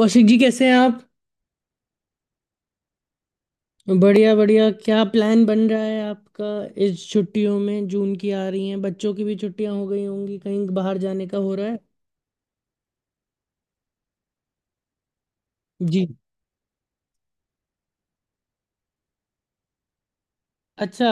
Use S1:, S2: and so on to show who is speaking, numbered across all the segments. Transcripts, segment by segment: S1: कौशिक जी कैसे हैं आप। बढ़िया बढ़िया, क्या प्लान बन रहा है आपका इस छुट्टियों में। जून की आ रही हैं, बच्चों की भी छुट्टियां हो गई होंगी, कहीं बाहर जाने का हो रहा है। जी। अच्छा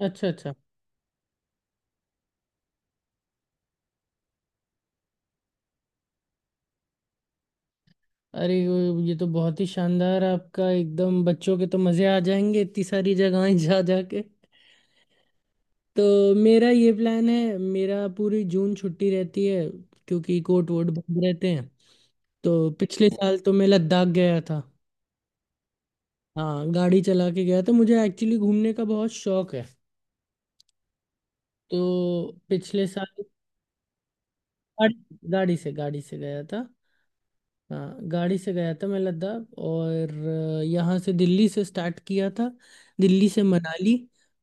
S1: अच्छा अच्छा। ये तो बहुत ही शानदार है आपका, एकदम बच्चों के तो मज़े आ जाएंगे इतनी सारी जगहें जा जा के। तो मेरा ये प्लान है, मेरा पूरी जून छुट्टी रहती है, क्योंकि कोर्ट वोट बंद रहते हैं। तो पिछले साल तो मैं लद्दाख गया था। हाँ, गाड़ी चला के गया था, मुझे एक्चुअली घूमने का बहुत शौक है। तो पिछले साल गाड़ी, गाड़ी से गया था। हाँ, गाड़ी से गया था मैं लद्दाख। और यहाँ से, दिल्ली से स्टार्ट किया था। दिल्ली से मनाली,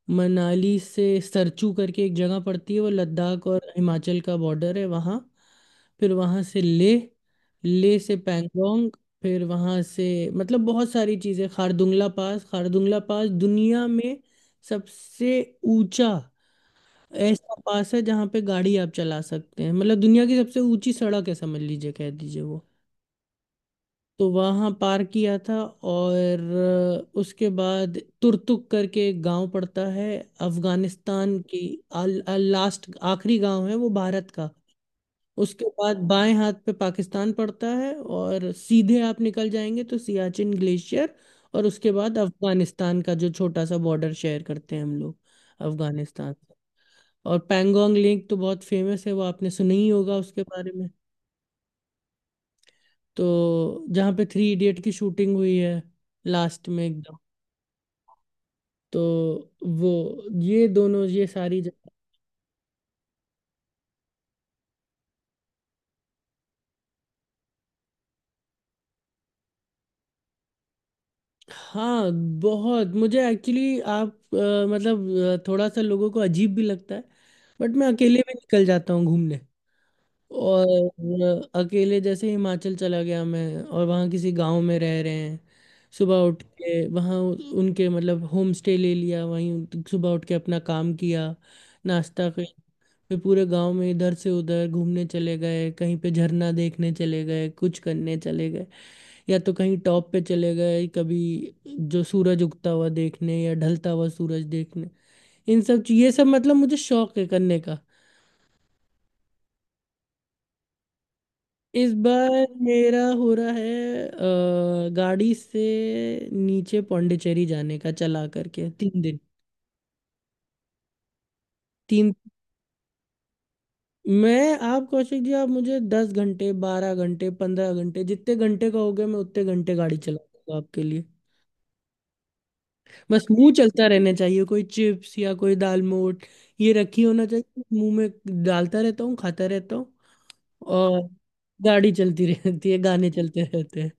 S1: मनाली से सरचू करके एक जगह पड़ती है, वो लद्दाख और हिमाचल का बॉर्डर है वहाँ। फिर वहाँ से ले, ले से पैंगोंग। फिर वहाँ से मतलब बहुत सारी चीज़ें, खारदुंगला पास दुनिया में सबसे ऊंचा ऐसा पास है जहाँ पे गाड़ी आप चला सकते हैं, मतलब दुनिया की सबसे ऊंची सड़क है समझ लीजिए, कह दीजिए वो। तो वहाँ पार किया था। और उसके बाद तुर्तुक करके एक गांव पड़ता है, अफगानिस्तान की आल, आल, लास्ट आखिरी गांव है वो भारत का। उसके बाद बाएं हाथ पे पाकिस्तान पड़ता है, और सीधे आप निकल जाएंगे तो सियाचिन ग्लेशियर। और उसके बाद अफगानिस्तान का जो छोटा सा बॉर्डर शेयर करते हैं हम लोग, अफगानिस्तान से। और पैंगोंग लेक तो बहुत फेमस है, वो आपने सुना ही होगा उसके बारे में। तो जहाँ पे थ्री इडियट की शूटिंग हुई है, लास्ट में एकदम। तो वो ये दोनों हाँ, बहुत। मुझे एक्चुअली आप मतलब थोड़ा सा लोगों को अजीब भी लगता है, बट मैं अकेले भी निकल जाता हूँ घूमने। और अकेले जैसे हिमाचल चला गया मैं, और वहाँ किसी गांव में रह रहे हैं। सुबह उठ के वहाँ उनके मतलब होम स्टे ले लिया वहीं। सुबह उठ के अपना काम किया, नाश्ता किया, फिर पूरे गांव में इधर से उधर घूमने चले गए, कहीं पे झरना देखने चले गए, कुछ करने चले गए, या तो कहीं टॉप पे चले गए कभी, जो सूरज उगता हुआ देखने या ढलता हुआ सूरज देखने। ये सब मतलब मुझे शौक है करने का। इस बार मेरा हो रहा है गाड़ी से नीचे पौंडीचेरी जाने का, चला करके तीन दिन। तीन। मैं आप कौशिक जी, आप मुझे दस घंटे, बारह घंटे, पंद्रह घंटे, जितने घंटे कहोगे मैं उतने घंटे गाड़ी चलाऊंगा आपके लिए। बस मुंह चलता रहना चाहिए, कोई चिप्स या कोई दालमोट ये रखी होना चाहिए मुंह में, डालता रहता हूँ खाता रहता हूँ। और गाड़ी चलती रहती है, गाने चलते रहते हैं।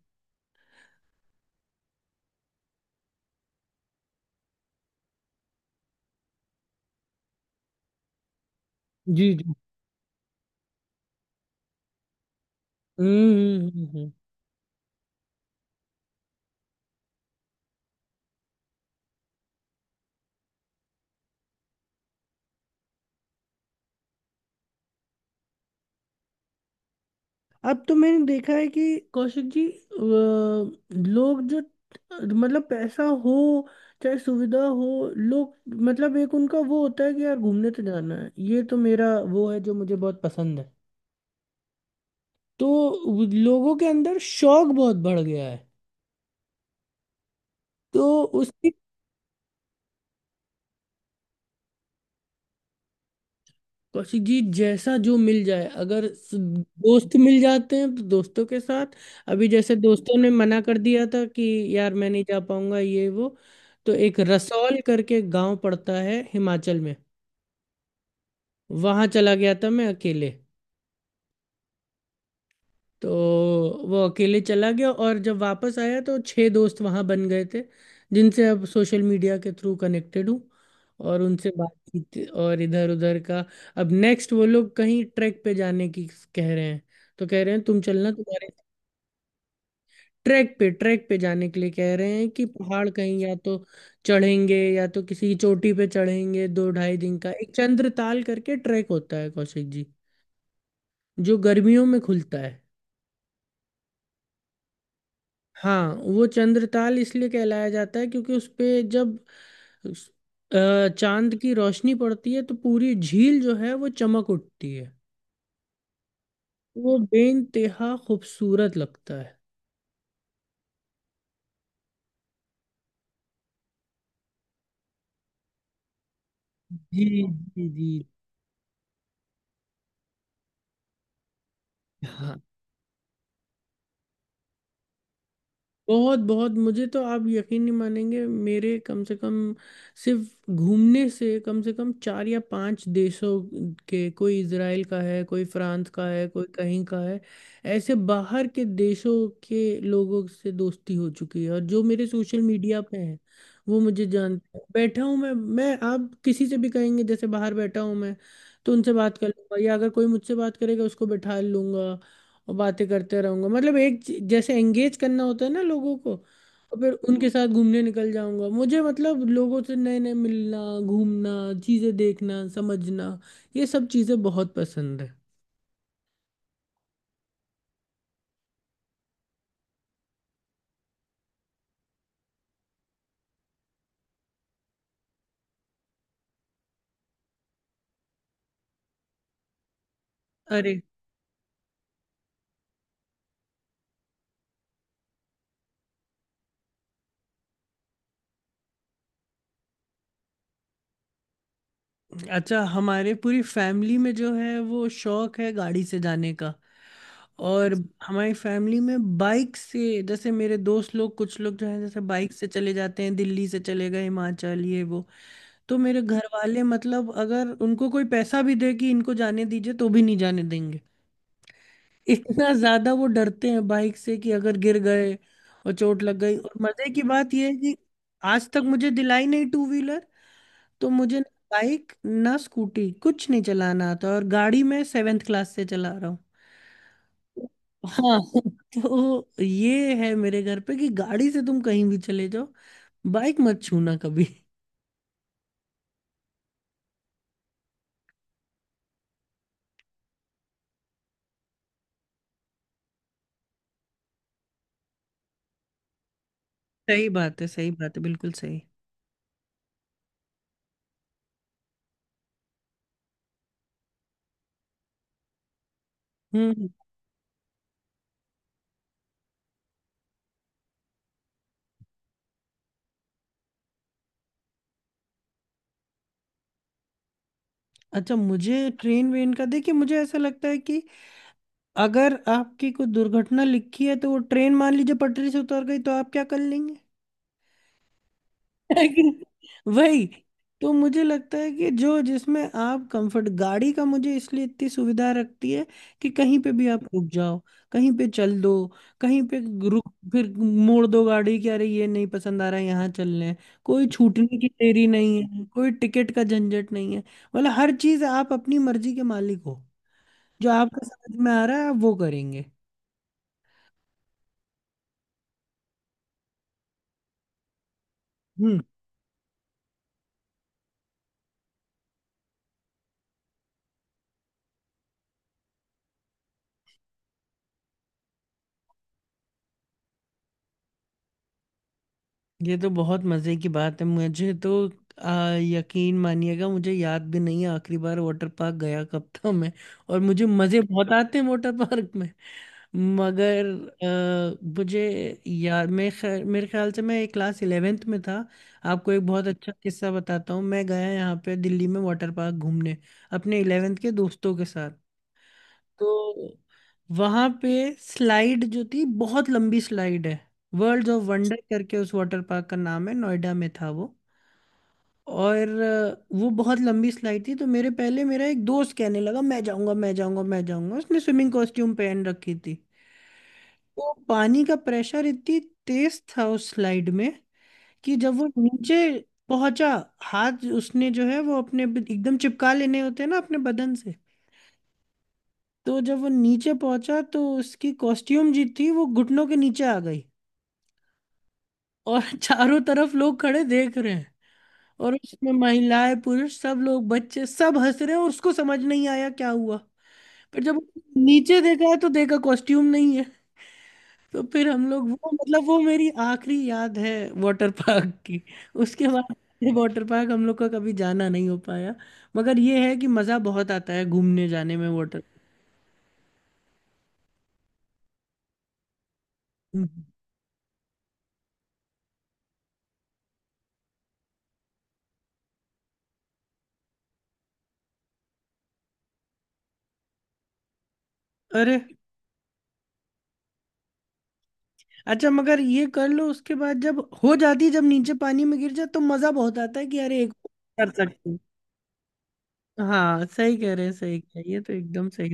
S1: जी जी। हम्म हम्म, हम्म, हम्म। अब तो मैंने देखा है कि कौशिक जी, लोग जो मतलब पैसा हो चाहे सुविधा हो, लोग मतलब एक उनका वो होता है कि यार घूमने तो जाना है। ये तो मेरा वो है जो मुझे बहुत पसंद है। तो वो लोगों के अंदर शौक बहुत बढ़ गया है। तो उसकी, कौशिक जी जैसा जो मिल जाए, अगर दोस्त मिल जाते हैं तो दोस्तों के साथ। अभी जैसे दोस्तों ने मना कर दिया था कि यार मैं नहीं जा पाऊंगा ये वो। तो एक रसौल करके गांव पड़ता है हिमाचल में, वहां चला गया था मैं अकेले। तो वो अकेले चला गया, और जब वापस आया तो छह दोस्त वहां बन गए थे, जिनसे अब सोशल मीडिया के थ्रू कनेक्टेड हूँ, और उनसे बातचीत और इधर उधर का। अब नेक्स्ट वो लोग कहीं ट्रैक पे जाने की कह रहे हैं। तो कह रहे हैं तुम चलना, तुम्हारे ट्रैक पे जाने के लिए कह रहे हैं कि पहाड़ कहीं या तो चढ़ेंगे, या तो किसी चोटी पे चढ़ेंगे। दो ढाई दिन का एक चंद्रताल करके ट्रैक होता है, कौशिक जी, जो गर्मियों में खुलता है। हाँ, वो चंद्रताल इसलिए कहलाया जाता है क्योंकि उस पे जब उस- चांद की रोशनी पड़ती है तो पूरी झील जो है वो चमक उठती है। वो बेइंतहा खूबसूरत लगता है। जी जी जी। हाँ, बहुत बहुत। मुझे तो, आप यकीन नहीं मानेंगे, मेरे कम से कम सिर्फ घूमने से कम चार या पांच देशों के, कोई इजराइल का है, कोई फ्रांस का है, कोई कहीं का है, ऐसे बाहर के देशों के लोगों से दोस्ती हो चुकी है। और जो मेरे सोशल मीडिया पे हैं वो मुझे जानते हैं। बैठा हूँ मैं, आप किसी से भी कहेंगे जैसे बाहर बैठा हूँ मैं, तो उनसे बात कर लूंगा, या अगर कोई मुझसे बात करेगा उसको बैठा लूंगा, और बातें करते रहूंगा। मतलब जैसे एंगेज करना होता है ना लोगों को। और फिर उनके साथ घूमने निकल जाऊंगा। मुझे मतलब लोगों से नए नए मिलना, घूमना, चीज़ें देखना समझना, ये सब चीज़ें बहुत पसंद है। अरे। अच्छा, हमारे पूरी फैमिली में जो है वो शौक है गाड़ी से जाने का। और हमारी फैमिली में बाइक से जैसे मेरे दोस्त लोग, कुछ लोग जो हैं, जैसे बाइक से चले जाते हैं, दिल्ली से चले गए हिमाचल ये वो। तो मेरे घर वाले मतलब अगर उनको कोई पैसा भी दे कि इनको जाने दीजिए तो भी नहीं जाने देंगे। इतना ज्यादा वो डरते हैं बाइक से कि अगर गिर गए और चोट लग गई। और मजे की बात यह है कि आज तक मुझे दिलाई नहीं टू व्हीलर। तो मुझे ना बाइक ना स्कूटी कुछ नहीं चलाना आता। और गाड़ी मैं सेवेंथ क्लास से चला रहा हूँ। हाँ। तो ये है मेरे घर पे कि गाड़ी से तुम कहीं भी चले जाओ, बाइक मत छूना कभी। सही बात है, सही बात है, बिल्कुल सही। हम्म। अच्छा, मुझे ट्रेन वेन का देखिए, मुझे ऐसा लगता है कि अगर आपकी कोई दुर्घटना लिखी है तो वो ट्रेन मान लीजिए पटरी से उतर गई तो आप क्या कर लेंगे। है कि नहीं? वही। तो मुझे लगता है कि जो जिसमें आप कंफर्ट, गाड़ी का मुझे इसलिए इतनी सुविधा रखती है कि कहीं पे भी आप रुक जाओ, कहीं पे चल दो, कहीं पे रुक, फिर मोड़ दो गाड़ी कि अरे ये नहीं पसंद आ रहा है, यहाँ चल लें। कोई छूटने की देरी नहीं है, कोई टिकट का झंझट नहीं है। मतलब हर चीज आप अपनी मर्जी के मालिक हो, जो आपको समझ में आ रहा है आप वो करेंगे। हम्म। ये तो बहुत मजे की बात है। मुझे तो यकीन मानिएगा, मुझे याद भी नहीं है आखिरी बार वाटर पार्क गया कब था मैं। और मुझे मजे बहुत आते हैं वाटर पार्क में। मगर मुझे याद, मैं खैर मेरे ख्याल से मैं क्लास इलेवेंथ में था। आपको एक बहुत अच्छा किस्सा बताता हूँ। मैं गया यहाँ पे दिल्ली में वाटर पार्क घूमने, अपने इलेवेंथ के दोस्तों के साथ। तो वहां पे स्लाइड जो थी, बहुत लंबी स्लाइड है, वर्ल्ड ऑफ वंडर करके उस वाटर पार्क का नाम है, नोएडा में था वो। और वो बहुत लंबी स्लाइड थी। तो मेरे पहले मेरा एक दोस्त कहने लगा मैं जाऊंगा मैं जाऊंगा मैं जाऊंगा, उसने स्विमिंग कॉस्ट्यूम पहन रखी थी। तो पानी का प्रेशर इतनी तेज था उस स्लाइड में कि जब वो नीचे पहुंचा, हाथ उसने जो है वो अपने एकदम चिपका लेने होते हैं ना अपने बदन से, तो जब वो नीचे पहुंचा तो उसकी कॉस्ट्यूम जी थी वो घुटनों के नीचे आ गई। और चारों तरफ लोग खड़े देख रहे हैं, और उसमें महिलाएं पुरुष सब लोग बच्चे सब हंस रहे हैं, और उसको समझ नहीं आया क्या हुआ। पर जब नीचे देखा है तो देखा कॉस्ट्यूम नहीं है। तो फिर हम लोग वो मतलब वो मेरी आखिरी याद है वाटर पार्क की। उसके बाद वाटर पार्क हम लोग का कभी जाना नहीं हो पाया। मगर ये है कि मज़ा बहुत आता है घूमने जाने में वाटर। अरे। अच्छा, मगर ये कर लो उसके बाद जब हो जाती, जब नीचे पानी में गिर जाए तो मजा बहुत आता है कि अरे एक और कर सकते हैं। हाँ सही कह रहे हैं, सही कह रहे हैं। ये तो एकदम सही।